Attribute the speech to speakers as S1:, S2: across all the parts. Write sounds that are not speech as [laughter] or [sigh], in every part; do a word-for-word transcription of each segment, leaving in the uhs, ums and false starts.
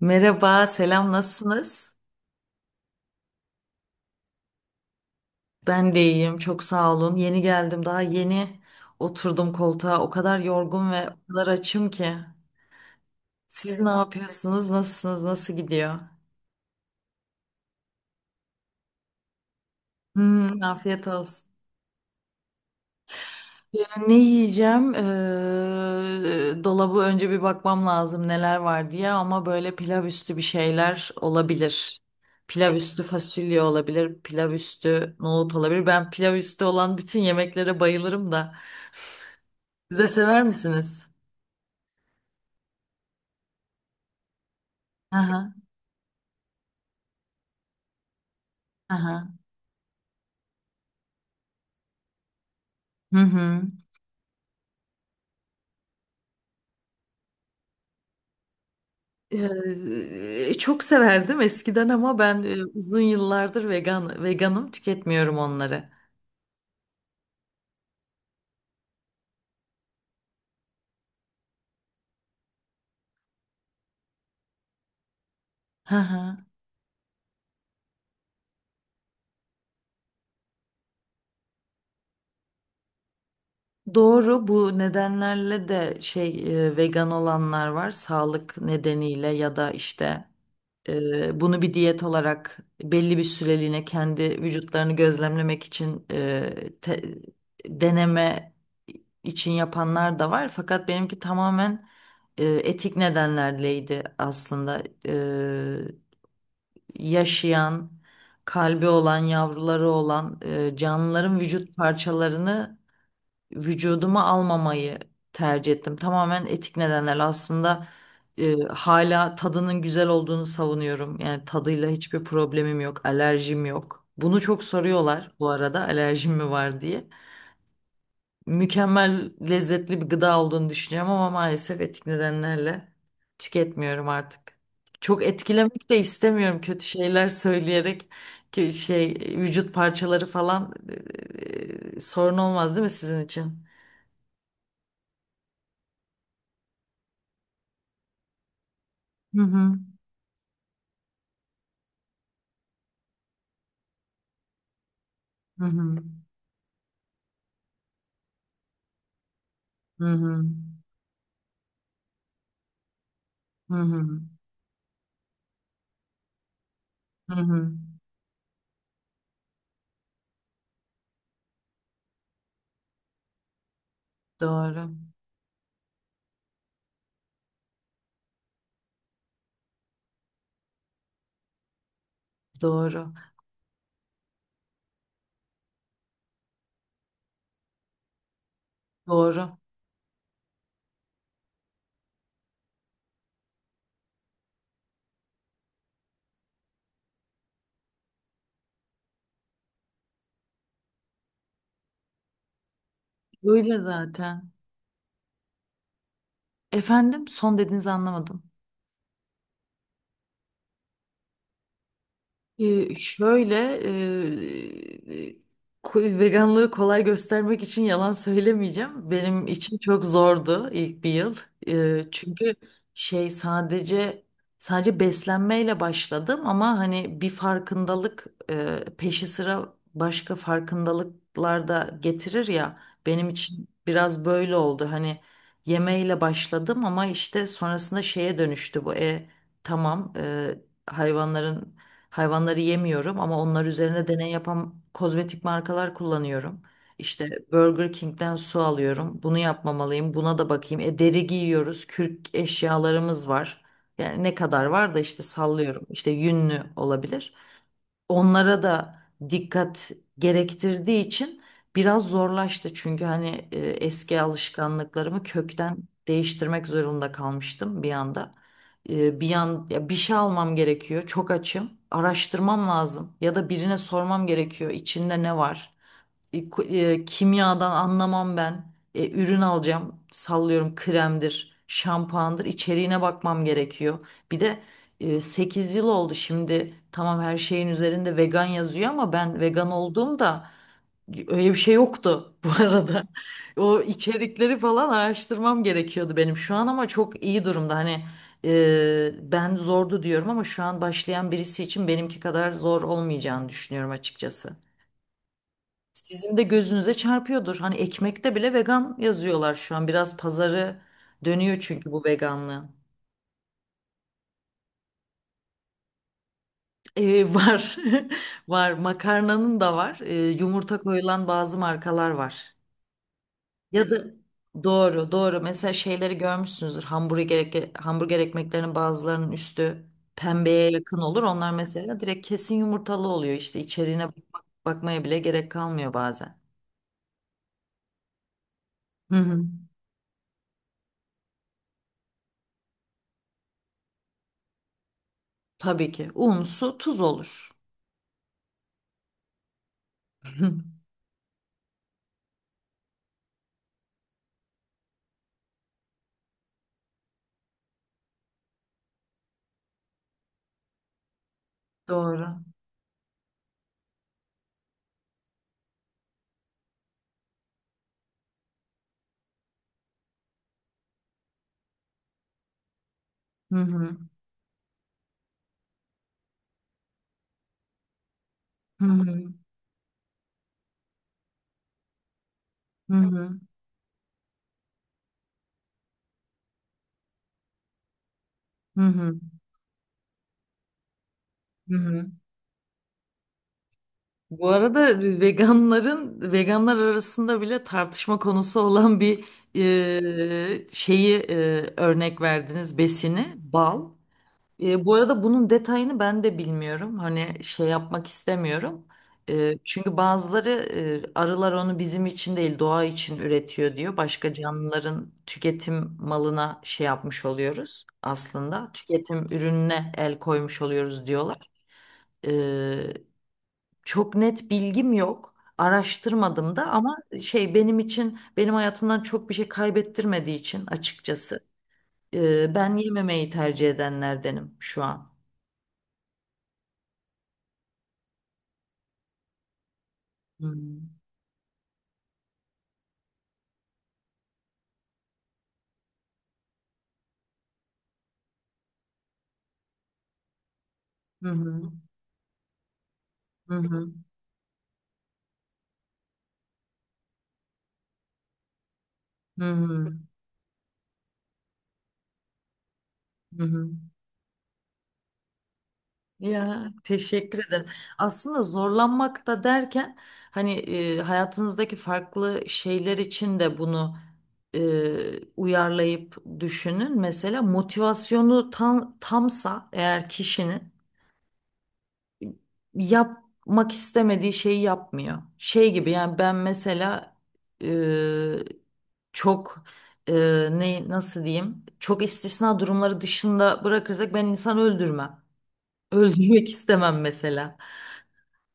S1: Merhaba, selam, nasılsınız? Ben de iyiyim, çok sağ olun. Yeni geldim, daha yeni oturdum koltuğa. O kadar yorgun ve o kadar açım ki. Siz ne yapıyorsunuz, nasılsınız, nasıl gidiyor? Hmm, afiyet olsun. Ya, Ne yiyeceğim? Ee, dolabı önce bir bakmam lazım neler var diye ama böyle pilav üstü bir şeyler olabilir. Pilav üstü fasulye olabilir, pilav üstü nohut olabilir. Ben pilav üstü olan bütün yemeklere bayılırım da. Siz de sever misiniz? Aha, aha. Hı hı. Ee, çok severdim eskiden ama ben e, uzun yıllardır vegan veganım, tüketmiyorum onları. Hı hı. Doğru, bu nedenlerle de şey e, vegan olanlar var, sağlık nedeniyle ya da işte. Eee, bunu bir diyet olarak belli bir süreliğine kendi vücutlarını gözlemlemek için eee, te- deneme için yapanlar da var. Fakat benimki tamamen eee, etik nedenlerleydi aslında. Eee, yaşayan, kalbi olan, yavruları olan eee, canlıların vücut parçalarını vücuduma almamayı tercih ettim. Tamamen etik nedenlerle aslında e, hala tadının güzel olduğunu savunuyorum. Yani tadıyla hiçbir problemim yok, alerjim yok. Bunu çok soruyorlar bu arada, alerjim mi var diye. Mükemmel, lezzetli bir gıda olduğunu düşünüyorum ama maalesef etik nedenlerle tüketmiyorum artık. Çok etkilemek de istemiyorum kötü şeyler söyleyerek, ki şey, vücut parçaları falan e, e, sorun olmaz değil mi sizin için? Hı hı. Hı hı. Hı hı. Hı hı. Hı hı. Doğru. Doğru. Doğru. böyle zaten. Efendim, son dediğinizi anlamadım. Ee, şöyle e, ko- veganlığı kolay göstermek için yalan söylemeyeceğim. Benim için çok zordu ilk bir yıl. Ee, çünkü şey, sadece sadece beslenmeyle başladım ama hani bir farkındalık e, peşi sıra başka farkındalıklar da getirir ya. Benim için biraz böyle oldu. Hani yemeğiyle başladım ama işte sonrasında şeye dönüştü bu. E tamam e, hayvanların Hayvanları yemiyorum ama onlar üzerine deney yapan kozmetik markalar kullanıyorum. İşte Burger King'den su alıyorum. Bunu yapmamalıyım. Buna da bakayım. E deri giyiyoruz. Kürk eşyalarımız var. Yani ne kadar var da işte sallıyorum. İşte yünlü olabilir, onlara da dikkat gerektirdiği için biraz zorlaştı. Çünkü hani e, eski alışkanlıklarımı kökten değiştirmek zorunda kalmıştım bir anda. E, bir yan ya bir şey almam gerekiyor. Çok açım. Araştırmam lazım ya da birine sormam gerekiyor. İçinde ne var? E, ku- e, kimyadan anlamam ben. E, ürün alacağım. Sallıyorum, kremdir, şampuandır. İçeriğine bakmam gerekiyor. Bir de e, sekiz yıl oldu şimdi. Tamam her şeyin üzerinde vegan yazıyor ama ben vegan olduğumda öyle bir şey yoktu [laughs] bu arada. O içerikleri falan araştırmam gerekiyordu benim, şu an ama çok iyi durumda. Hani e, ben zordu diyorum ama şu an başlayan birisi için benimki kadar zor olmayacağını düşünüyorum açıkçası. Sizin de gözünüze çarpıyordur. Hani ekmekte bile vegan yazıyorlar şu an. Biraz pazarı dönüyor çünkü bu veganlığın. Ee, var. [laughs] Var. Makarnanın da var. Ee, yumurta koyulan bazı markalar var. Ya da doğru doğru. Mesela şeyleri görmüşsünüzdür. Hamburger, ek- hamburger ekmeklerinin bazılarının üstü pembeye yakın olur. Onlar mesela direkt kesin yumurtalı oluyor. İşte içeriğine bak- bakmaya bile gerek kalmıyor bazen. Hı hı. Tabii ki. Un, su, tuz olur. [laughs] Doğru. Hı hı. Hı hı. Hı hı. Hı hı. Hı hı. Bu arada veganların veganlar arasında bile tartışma konusu olan bir e, şeyi, e, örnek verdiniz, besini bal. E, bu arada bunun detayını ben de bilmiyorum. Hani şey yapmak istemiyorum. E, çünkü bazıları e, arılar onu bizim için değil doğa için üretiyor diyor. Başka canlıların tüketim malına şey yapmış oluyoruz aslında. Tüketim ürününe el koymuş oluyoruz diyorlar. E, Çok net bilgim yok. Araştırmadım da ama şey, benim için, benim hayatımdan çok bir şey kaybettirmediği için açıkçası e, ben yememeyi tercih edenlerdenim şu an. Hmm. Hı hı, hı hı, hı hı, hı hı. Ya teşekkür ederim. Aslında zorlanmak da derken hani e, hayatınızdaki farklı şeyler için de bunu e, uyarlayıp düşünün. Mesela motivasyonu tam, tamsa eğer, kişinin yapmak istemediği şeyi yapmıyor. Şey gibi yani, ben mesela e, çok, e, ne, nasıl diyeyim? Çok istisna durumları dışında bırakırsak ben insan öldürmem. [laughs] Öldürmek istemem mesela.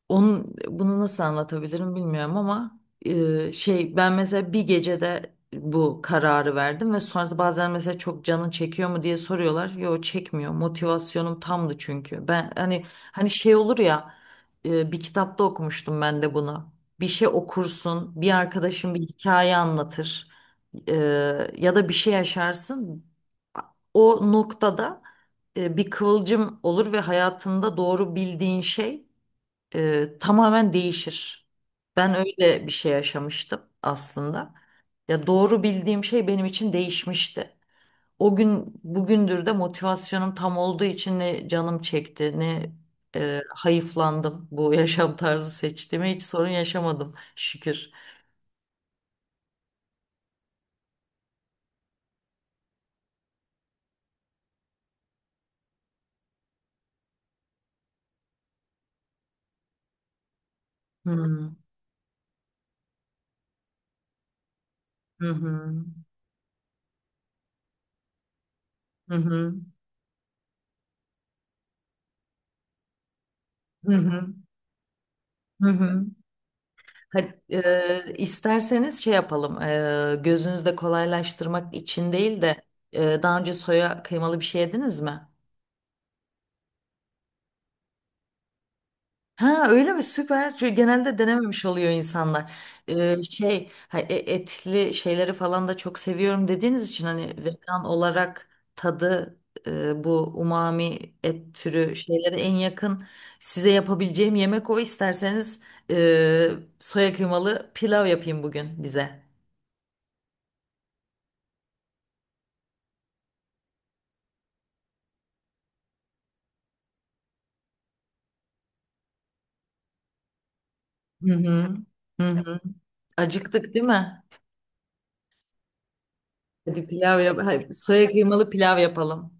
S1: Onun bunu nasıl anlatabilirim bilmiyorum ama e, şey, ben mesela bir gecede bu kararı verdim ve sonrasında bazen mesela çok canın çekiyor mu diye soruyorlar. Yo, çekmiyor. Motivasyonum tamdı çünkü. Ben hani, hani şey olur ya, e, bir kitapta okumuştum ben de bunu. Bir şey okursun, bir arkadaşın bir hikaye anlatır, e, ya da bir şey yaşarsın. O noktada e, bir kıvılcım olur ve hayatında doğru bildiğin şey e, tamamen değişir. Ben öyle bir şey yaşamıştım aslında. Ya, doğru bildiğim şey benim için değişmişti. O gün bugündür de motivasyonum tam olduğu için ne canım çekti ne e, hayıflandım, bu [laughs] yaşam tarzı seçtiğime hiç sorun yaşamadım şükür. Hı hı, hı hı, hı hı, hı hı. Hadi, e, isterseniz şey yapalım. E, gözünüzde kolaylaştırmak için değil de, e, daha önce soya kıymalı bir şey yediniz mi? Ha, öyle mi? Süper. Çünkü genelde denememiş oluyor insanlar. E, şey ha, e- etli şeyleri falan da çok seviyorum dediğiniz için, hani vegan olarak tadı e, bu umami et türü şeylere en yakın size yapabileceğim yemek o. İsterseniz e, soya kıymalı pilav yapayım bugün bize. Hı hı. Hı hı. Acıktık değil mi? Hadi pilav yap. Hayır, soya kıymalı pilav yapalım.